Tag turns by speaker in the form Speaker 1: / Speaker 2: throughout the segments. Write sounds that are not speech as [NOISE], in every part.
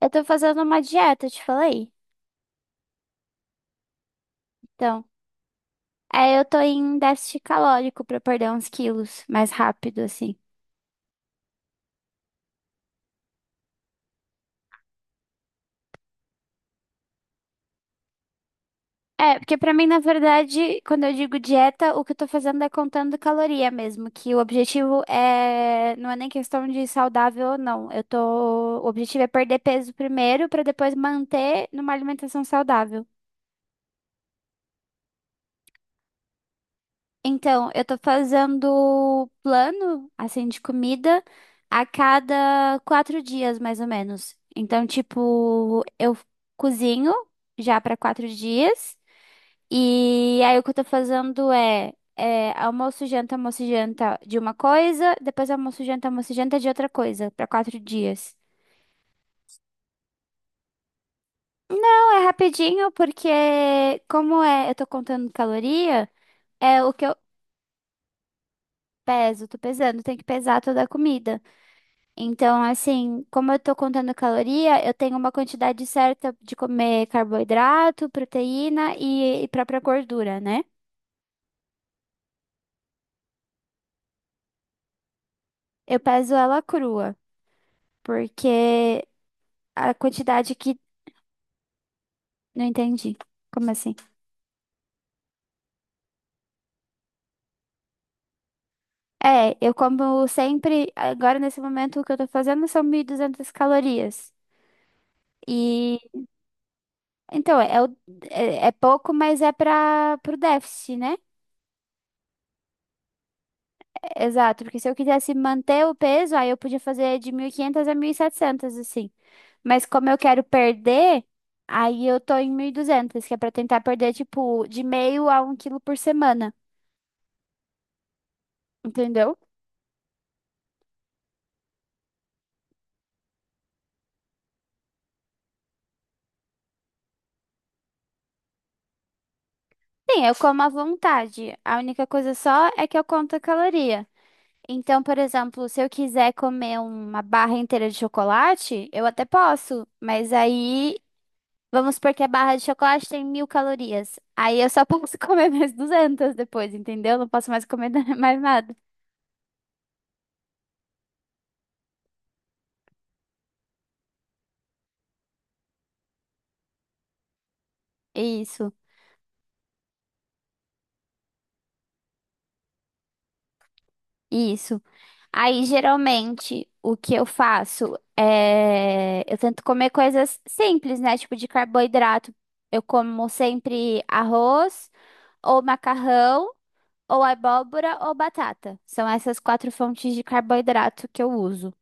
Speaker 1: Eu tô fazendo uma dieta, te falei. Então, aí eu tô em déficit calórico pra perder uns quilos mais rápido, assim. É, porque pra mim, na verdade, quando eu digo dieta, o que eu tô fazendo é contando caloria mesmo, que o objetivo é, não é nem questão de saudável ou não. Eu tô, o objetivo é perder peso primeiro pra depois manter numa alimentação saudável. Então, eu tô fazendo plano, assim, de comida a cada 4 dias, mais ou menos. Então, tipo, eu cozinho já para 4 dias. E aí, o que eu tô fazendo é almoço, janta de uma coisa. Depois, almoço, janta de outra coisa, para 4 dias. Não é rapidinho, porque como é, eu tô contando caloria, é o que eu peso, tô pesando, tem que pesar toda a comida. Então, assim, como eu tô contando caloria, eu tenho uma quantidade certa de comer carboidrato, proteína e própria gordura, né? Eu peso ela crua, porque a quantidade que. Não entendi. Como assim? É, eu como sempre, agora nesse momento, o que eu tô fazendo são 1.200 calorias. E. Então, é, é pouco, mas é para o déficit, né? Exato, porque se eu quisesse manter o peso, aí eu podia fazer de 1.500 a 1.700 assim. Mas como eu quero perder, aí eu tô em 1.200 que é pra tentar perder, tipo, de meio a 1 quilo por semana, entendeu? Sim, eu como à vontade. A única coisa só é que eu conto a caloria. Então, por exemplo, se eu quiser comer uma barra inteira de chocolate, eu até posso, mas aí vamos supor que a barra de chocolate tem 1.000 calorias. Aí eu só posso [LAUGHS] comer mais 200 depois, entendeu? Não posso mais comer [LAUGHS] mais nada. Isso, isso. Aí geralmente o que eu faço é, eu tento comer coisas simples, né? Tipo de carboidrato. Eu como sempre arroz, ou macarrão, ou abóbora, ou batata. São essas quatro fontes de carboidrato que eu uso.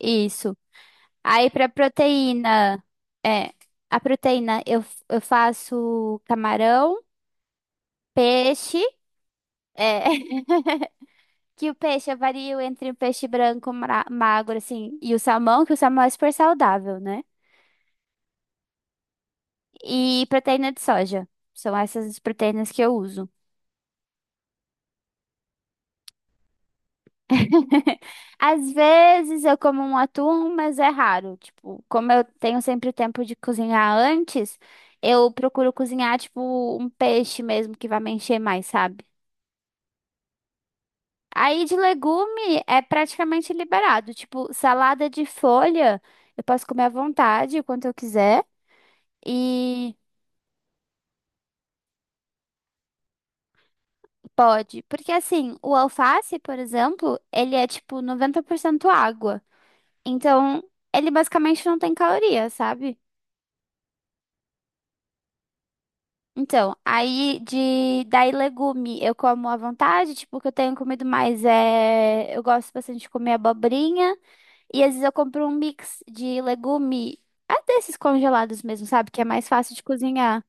Speaker 1: Isso. Aí pra proteína, é, a proteína eu faço camarão, peixe, é, [LAUGHS] que o peixe eu vario entre o peixe branco magro assim e o salmão, que o salmão é super saudável, né? E proteína de soja. São essas as proteínas que eu uso. [LAUGHS] Às vezes eu como um atum, mas é raro. Tipo, como eu tenho sempre tempo de cozinhar antes, eu procuro cozinhar, tipo, um peixe mesmo que vai me encher mais, sabe? Aí de legume é praticamente liberado. Tipo, salada de folha, eu posso comer à vontade, quanto eu quiser. E pode. Porque assim, o alface, por exemplo, ele é tipo 90% água. Então, ele basicamente não tem caloria, sabe? Então, aí de daí legume eu como à vontade, tipo, o que eu tenho comido mais é, eu gosto bastante de comer abobrinha. E às vezes eu compro um mix de legume, ah, desses congelados mesmo, sabe? Que é mais fácil de cozinhar.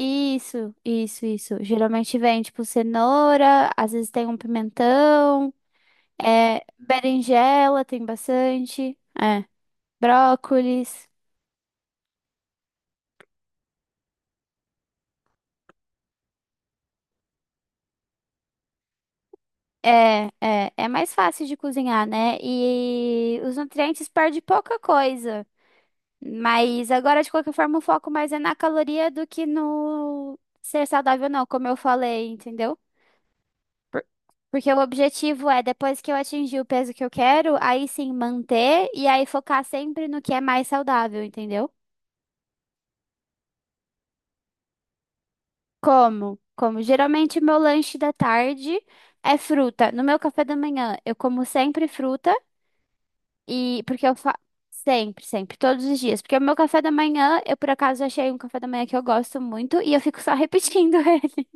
Speaker 1: Isso, isso, isso. Geralmente vem, tipo, cenoura, às vezes tem um pimentão, é, berinjela, tem bastante, é, brócolis. É, é, é mais fácil de cozinhar, né? E os nutrientes perdem pouca coisa. Mas agora, de qualquer forma, o foco mais é na caloria do que no ser saudável, não, como eu falei, entendeu? Porque o objetivo é, depois que eu atingir o peso que eu quero, aí sim manter e aí focar sempre no que é mais saudável, entendeu? Como? Como geralmente meu lanche da tarde é fruta. No meu café da manhã, eu como sempre fruta e porque eu fa... sempre, sempre, todos os dias, porque o meu café da manhã, eu por acaso achei um café da manhã que eu gosto muito e eu fico só repetindo [LAUGHS] ele.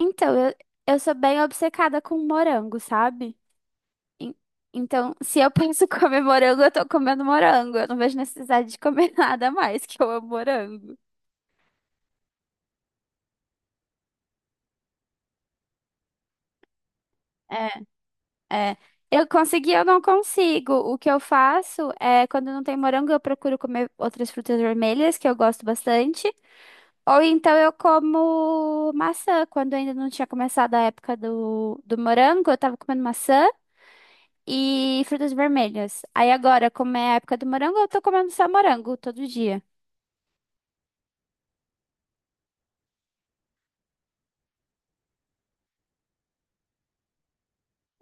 Speaker 1: Então, eu sou bem obcecada com morango, sabe? En- Então, se eu penso [LAUGHS] comer morango, eu tô comendo morango. Eu não vejo necessidade de comer [LAUGHS] nada mais, que eu amo morango. É, é. Eu consegui, eu não consigo. O que eu faço é, quando não tem morango, eu procuro comer outras frutas vermelhas, que eu gosto bastante. Ou então eu como maçã. Quando ainda não tinha começado a época do morango, eu tava comendo maçã e frutas vermelhas. Aí agora, como é a época do morango, eu tô comendo só morango todo dia.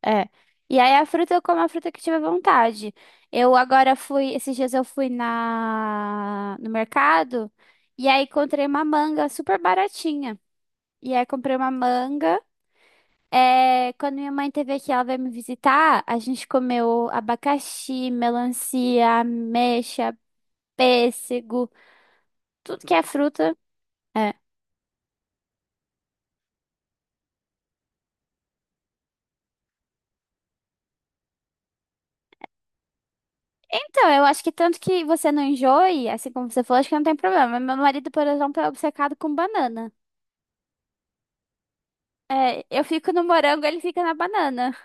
Speaker 1: É. E aí a fruta eu como a fruta que tiver vontade. Eu agora fui, esses dias eu fui na no mercado e aí encontrei uma manga super baratinha. E aí comprei uma manga. É, quando minha mãe teve aqui, ela veio me visitar, a gente comeu abacaxi, melancia, ameixa, pêssego, tudo que é fruta. É. Então, eu acho que tanto que você não enjoe, assim como você falou, acho que não tem problema. Meu marido, por exemplo, é obcecado com banana. É, eu fico no morango, ele fica na banana.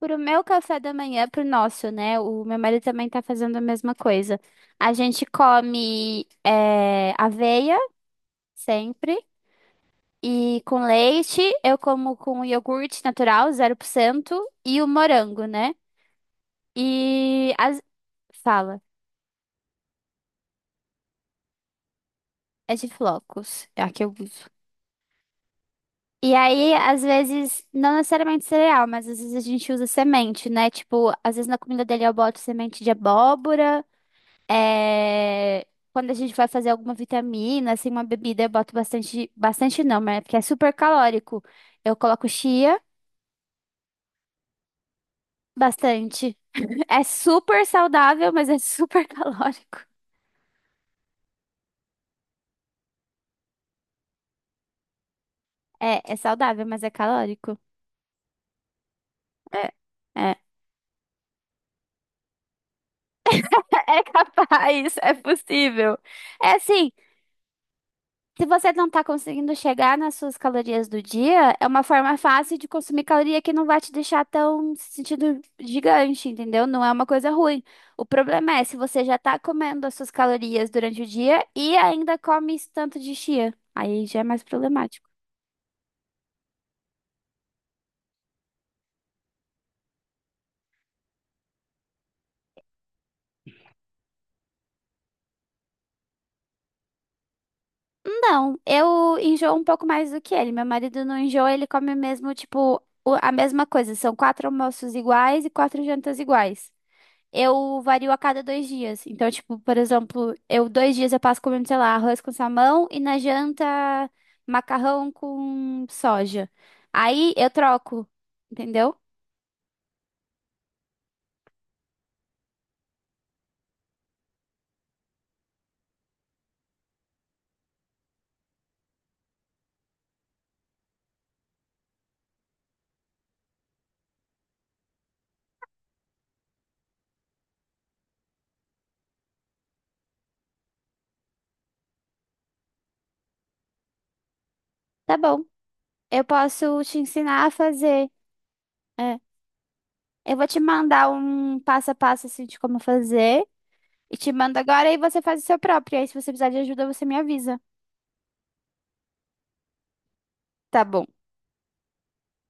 Speaker 1: Pro meu café da manhã, pro nosso, né? O meu marido também tá fazendo a mesma coisa. A gente come é, aveia, sempre, e com leite. Eu como com iogurte natural, 0%, e o morango, né? E as... fala, é de flocos, é a que eu uso. E aí, às vezes, não necessariamente cereal, mas às vezes a gente usa semente, né? Tipo, às vezes na comida dele eu boto semente de abóbora. É, quando a gente vai fazer alguma vitamina, assim, uma bebida, eu boto bastante. Bastante não, mas é porque é super calórico. Eu coloco chia bastante. [LAUGHS] É super saudável, mas é super [LAUGHS] calórico. É, é saudável, mas é calórico. É, é. [LAUGHS] É capaz, é possível. É assim. Se você não está conseguindo chegar nas suas calorias do dia, é uma forma fácil de consumir caloria que não vai te deixar tão sentido gigante, entendeu? Não é uma coisa ruim. O problema é se você já está comendo as suas calorias durante o dia e ainda come esse tanto de chia. Aí já é mais problemático. Não, eu enjoo um pouco mais do que ele. Meu marido não enjoa, ele come mesmo, tipo, a mesma coisa. São quatro almoços iguais e quatro jantas iguais. Eu vario a cada 2 dias. Então, tipo, por exemplo, eu 2 dias eu passo comendo, sei lá, arroz com salmão e na janta macarrão com soja. Aí eu troco, entendeu? Tá bom. Eu posso te ensinar a fazer. É. Eu vou te mandar um passo a passo assim de como fazer. E te mando agora e você faz o seu próprio. Aí, se você precisar de ajuda, você me avisa. Tá bom.